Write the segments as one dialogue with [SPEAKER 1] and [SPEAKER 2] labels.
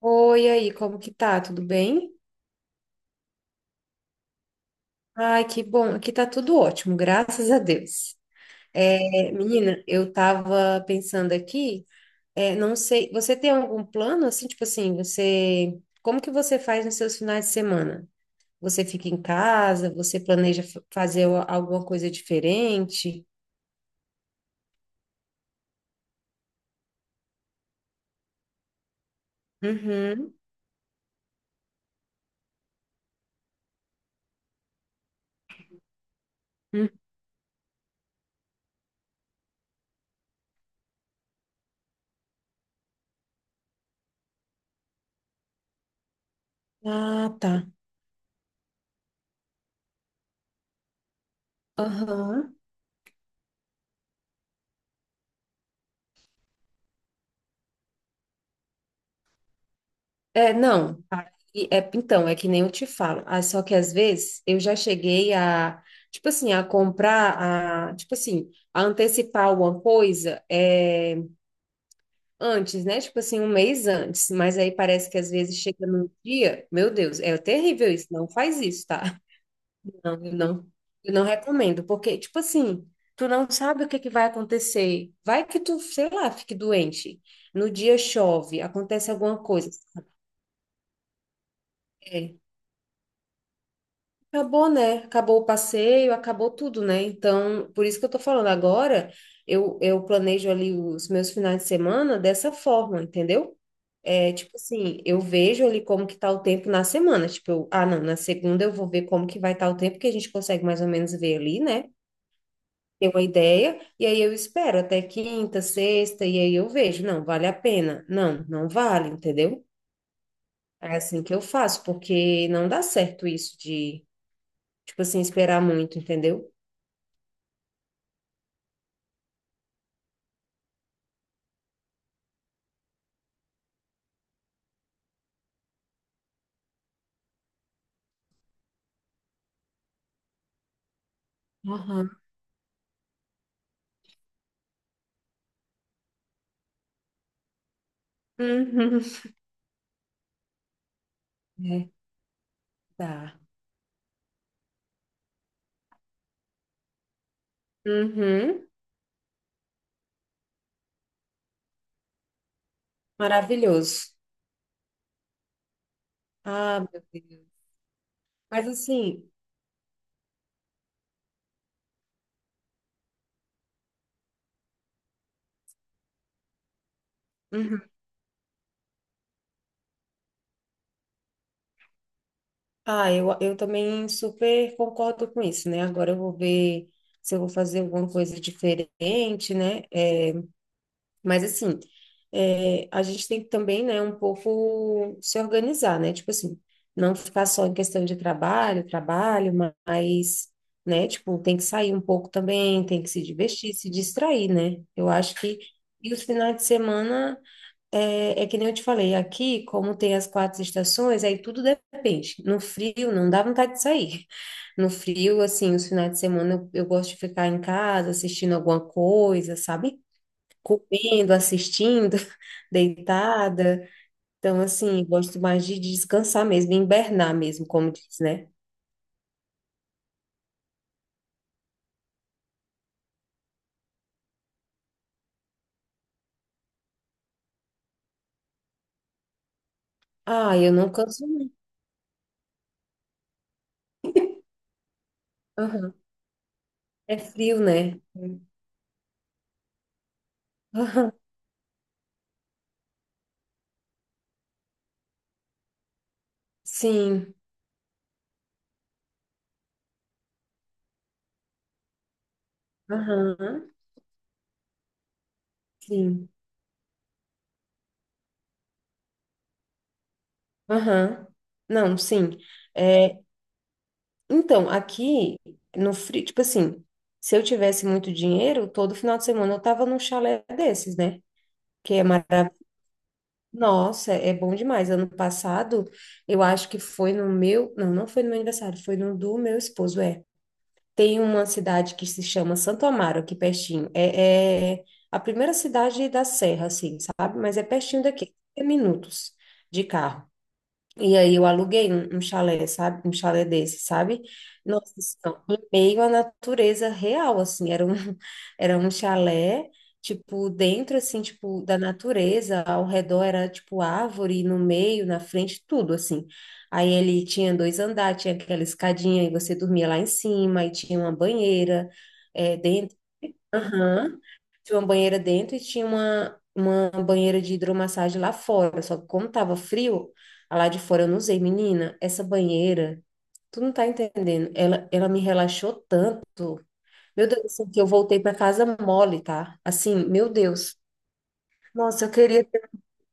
[SPEAKER 1] Oi, e aí, como que tá? Tudo bem? Ai, que bom. Aqui tá tudo ótimo, graças a Deus. É, menina, eu tava pensando aqui, é, não sei, você tem algum plano assim, tipo assim, você, como que você faz nos seus finais de semana? Você fica em casa? Você planeja fazer alguma coisa diferente? Uhum. Uhum. Ah, tá. Aham. É, não. Ah, e então, é que nem eu te falo. Ah, só que às vezes eu já cheguei a, tipo assim, a comprar, a, tipo assim, a antecipar alguma coisa é, antes, né? Tipo assim, um mês antes. Mas aí parece que às vezes chega num dia, meu Deus, é terrível isso. Não faz isso, tá? Não, eu não, eu não recomendo, porque, tipo assim, tu não sabe o que que vai acontecer. Vai que tu, sei lá, fique doente. No dia chove, acontece alguma coisa. Acabou, né? Acabou o passeio, acabou tudo, né? Então, por isso que eu tô falando agora, eu planejo ali os meus finais de semana dessa forma, entendeu? É tipo assim, eu vejo ali como que tá o tempo na semana. Tipo, eu, ah, não, na segunda eu vou ver como que vai estar o tempo, que a gente consegue mais ou menos ver ali, né? Ter uma ideia, e aí eu espero até quinta, sexta, e aí eu vejo, não, vale a pena. Não, não vale, entendeu? É assim que eu faço, porque não dá certo isso de, tipo assim, esperar muito, entendeu? Aham. Uhum. É, tá. Uhum. Maravilhoso. Ah, meu Deus. Mas assim. Uhum. Ah, eu também super concordo com isso, né? Agora eu vou ver se eu vou fazer alguma coisa diferente, né? É, mas assim, é, a gente tem que também, né, um pouco se organizar, né? Tipo assim, não ficar só em questão de trabalho, trabalho, mas, né, tipo, tem que sair um pouco também, tem que se divertir, se distrair, né? Eu acho que e os finais de semana é, é que nem eu te falei, aqui, como tem as quatro estações, aí tudo depende. No frio, não dá vontade de sair. No frio, assim, os finais de semana eu gosto de ficar em casa assistindo alguma coisa, sabe? Comendo, assistindo, deitada. Então, assim, gosto mais de descansar mesmo, hibernar mesmo, como diz, né? Ah, eu não canso, não. Aham. É frio, né? Aham. Sim. Aham. Sim. Aham. Não, sim. É, então, aqui no frio, tipo assim, se eu tivesse muito dinheiro, todo final de semana eu tava num chalé desses, né? Que é maravilhoso. Nossa, é bom demais. Ano passado, eu acho que foi no meu, não, não foi no meu aniversário, foi no do meu esposo, é. Tem uma cidade que se chama Santo Amaro, aqui pertinho. É a primeira cidade da Serra, assim, sabe? Mas é pertinho daqui, é minutos de carro. E aí eu aluguei um chalé, sabe? Um chalé desse, sabe? Nossa, assim, ó, em meio à natureza real, assim, era um, era um chalé, tipo, dentro, assim, tipo, da natureza, ao redor era, tipo, árvore, no meio, na frente, tudo, assim. Aí ele tinha dois andares, tinha aquela escadinha, e você dormia lá em cima, e tinha uma banheira. Aham. Tinha uma banheira dentro e tinha uma banheira de hidromassagem lá fora. Só que como tava frio, a lá de fora eu não usei. Menina, essa banheira, tu não tá entendendo. Ela me relaxou tanto. Meu Deus, assim, que eu voltei para casa mole, tá? Assim, meu Deus. Nossa, eu queria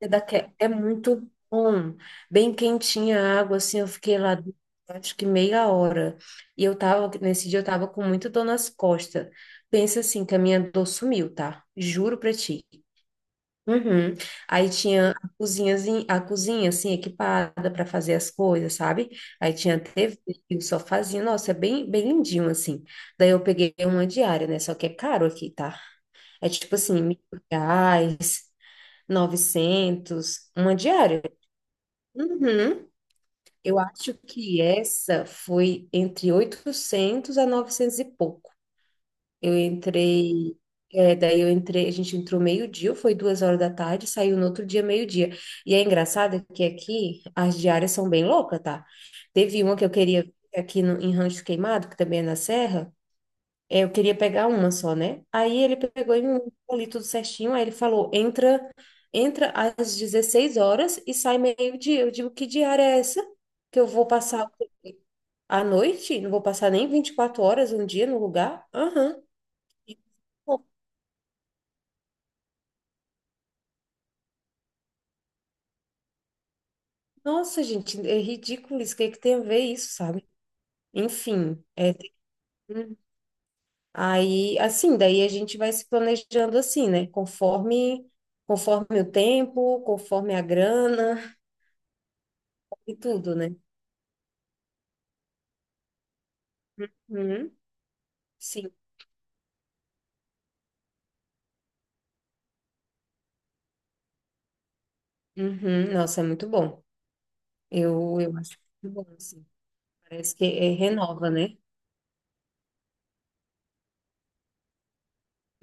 [SPEAKER 1] é, é muito bom, bem quentinha a água, assim, eu fiquei lá acho que meia hora. E eu tava, nesse dia eu tava com muito dor nas costas. Pensa assim, que a minha dor sumiu, tá? Juro pra ti. Uhum. Aí tinha a cozinhazinha, a cozinha assim equipada para fazer as coisas, sabe? Aí tinha a TV e o sofazinho, nossa, é bem, bem lindinho assim. Daí eu peguei uma diária, né? Só que é caro aqui, tá? É tipo assim, R$ 1.000, 900 uma diária. Uhum. Eu acho que essa foi entre 800 a 900 e pouco. Eu entrei, é, daí eu entrei, a gente entrou meio-dia, foi 2 horas da tarde, saiu no outro dia meio-dia. E é engraçado que aqui as diárias são bem loucas, tá? Teve uma que eu queria ver aqui no, em Rancho Queimado, que também é na Serra, é, eu queria pegar uma só, né? Aí ele pegou e me deu ali tudo certinho. Aí ele falou: entra, entra às 16 horas e sai meio-dia. Eu digo: que diária é essa? Que eu vou passar a noite? Não vou passar nem 24 horas um dia no lugar? Aham. Pô, nossa, gente, é ridículo isso. O que é que tem a ver isso, sabe? Enfim, é, aí, assim, daí a gente vai se planejando assim, né? Conforme, conforme o tempo, conforme a grana e tudo, né? Uhum. Sim. Uhum, nossa, é muito bom. Eu acho muito bom, assim. Parece que é, renova, né?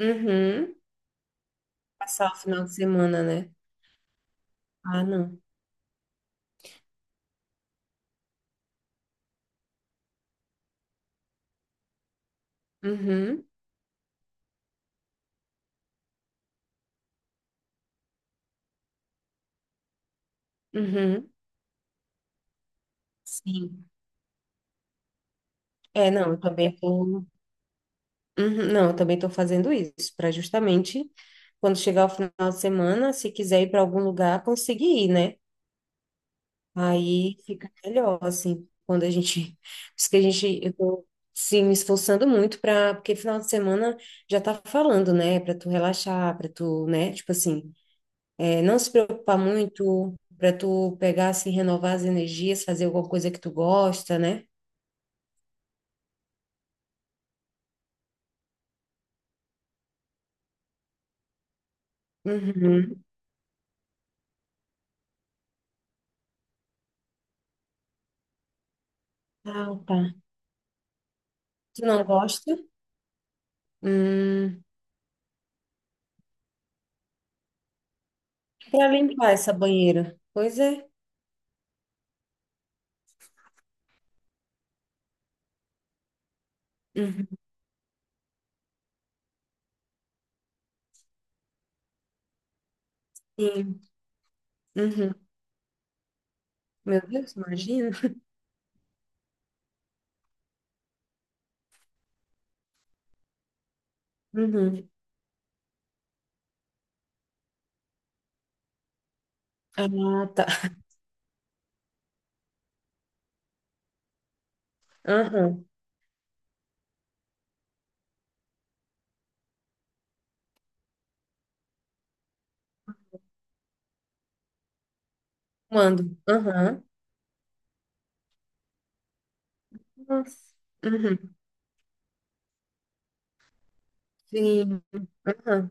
[SPEAKER 1] Uhum. Passar o final de semana, né? Ah, não. Uhum, uhum. Sim. É, não, eu também tô. Uhum, não, eu também tô fazendo isso, para justamente quando chegar o final de semana, se quiser ir para algum lugar, conseguir ir, né? Aí fica melhor, assim, quando a gente. Por isso que a gente. Eu tô, sim, me esforçando muito pra. Porque final de semana já tá falando, né? Pra tu relaxar, pra tu, né? Tipo assim, é, não se preocupar muito, pra tu pegar, assim, renovar as energias, fazer alguma coisa que tu gosta, né? Uhum. Ah, tá. Tu não gosta? Hum, pra limpar essa banheira. Pois é. Uhum. Sim. Uhum. Meu Deus, imagina. Uhum. Ah, tá. Aham. Mando. Aham. Nossa. Uhum. Sim. Aham.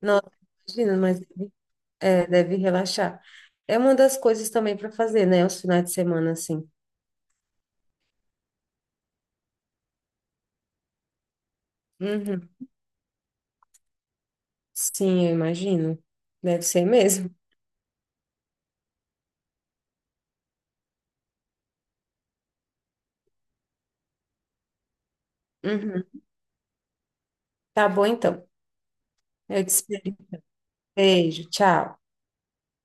[SPEAKER 1] Nossa, imagina, mas deve relaxar. É uma das coisas também para fazer, né? Os finais de semana, assim. Uhum. Sim, eu imagino. Deve ser mesmo. Uhum. Tá bom, então. Eu te espero. Beijo, tchau.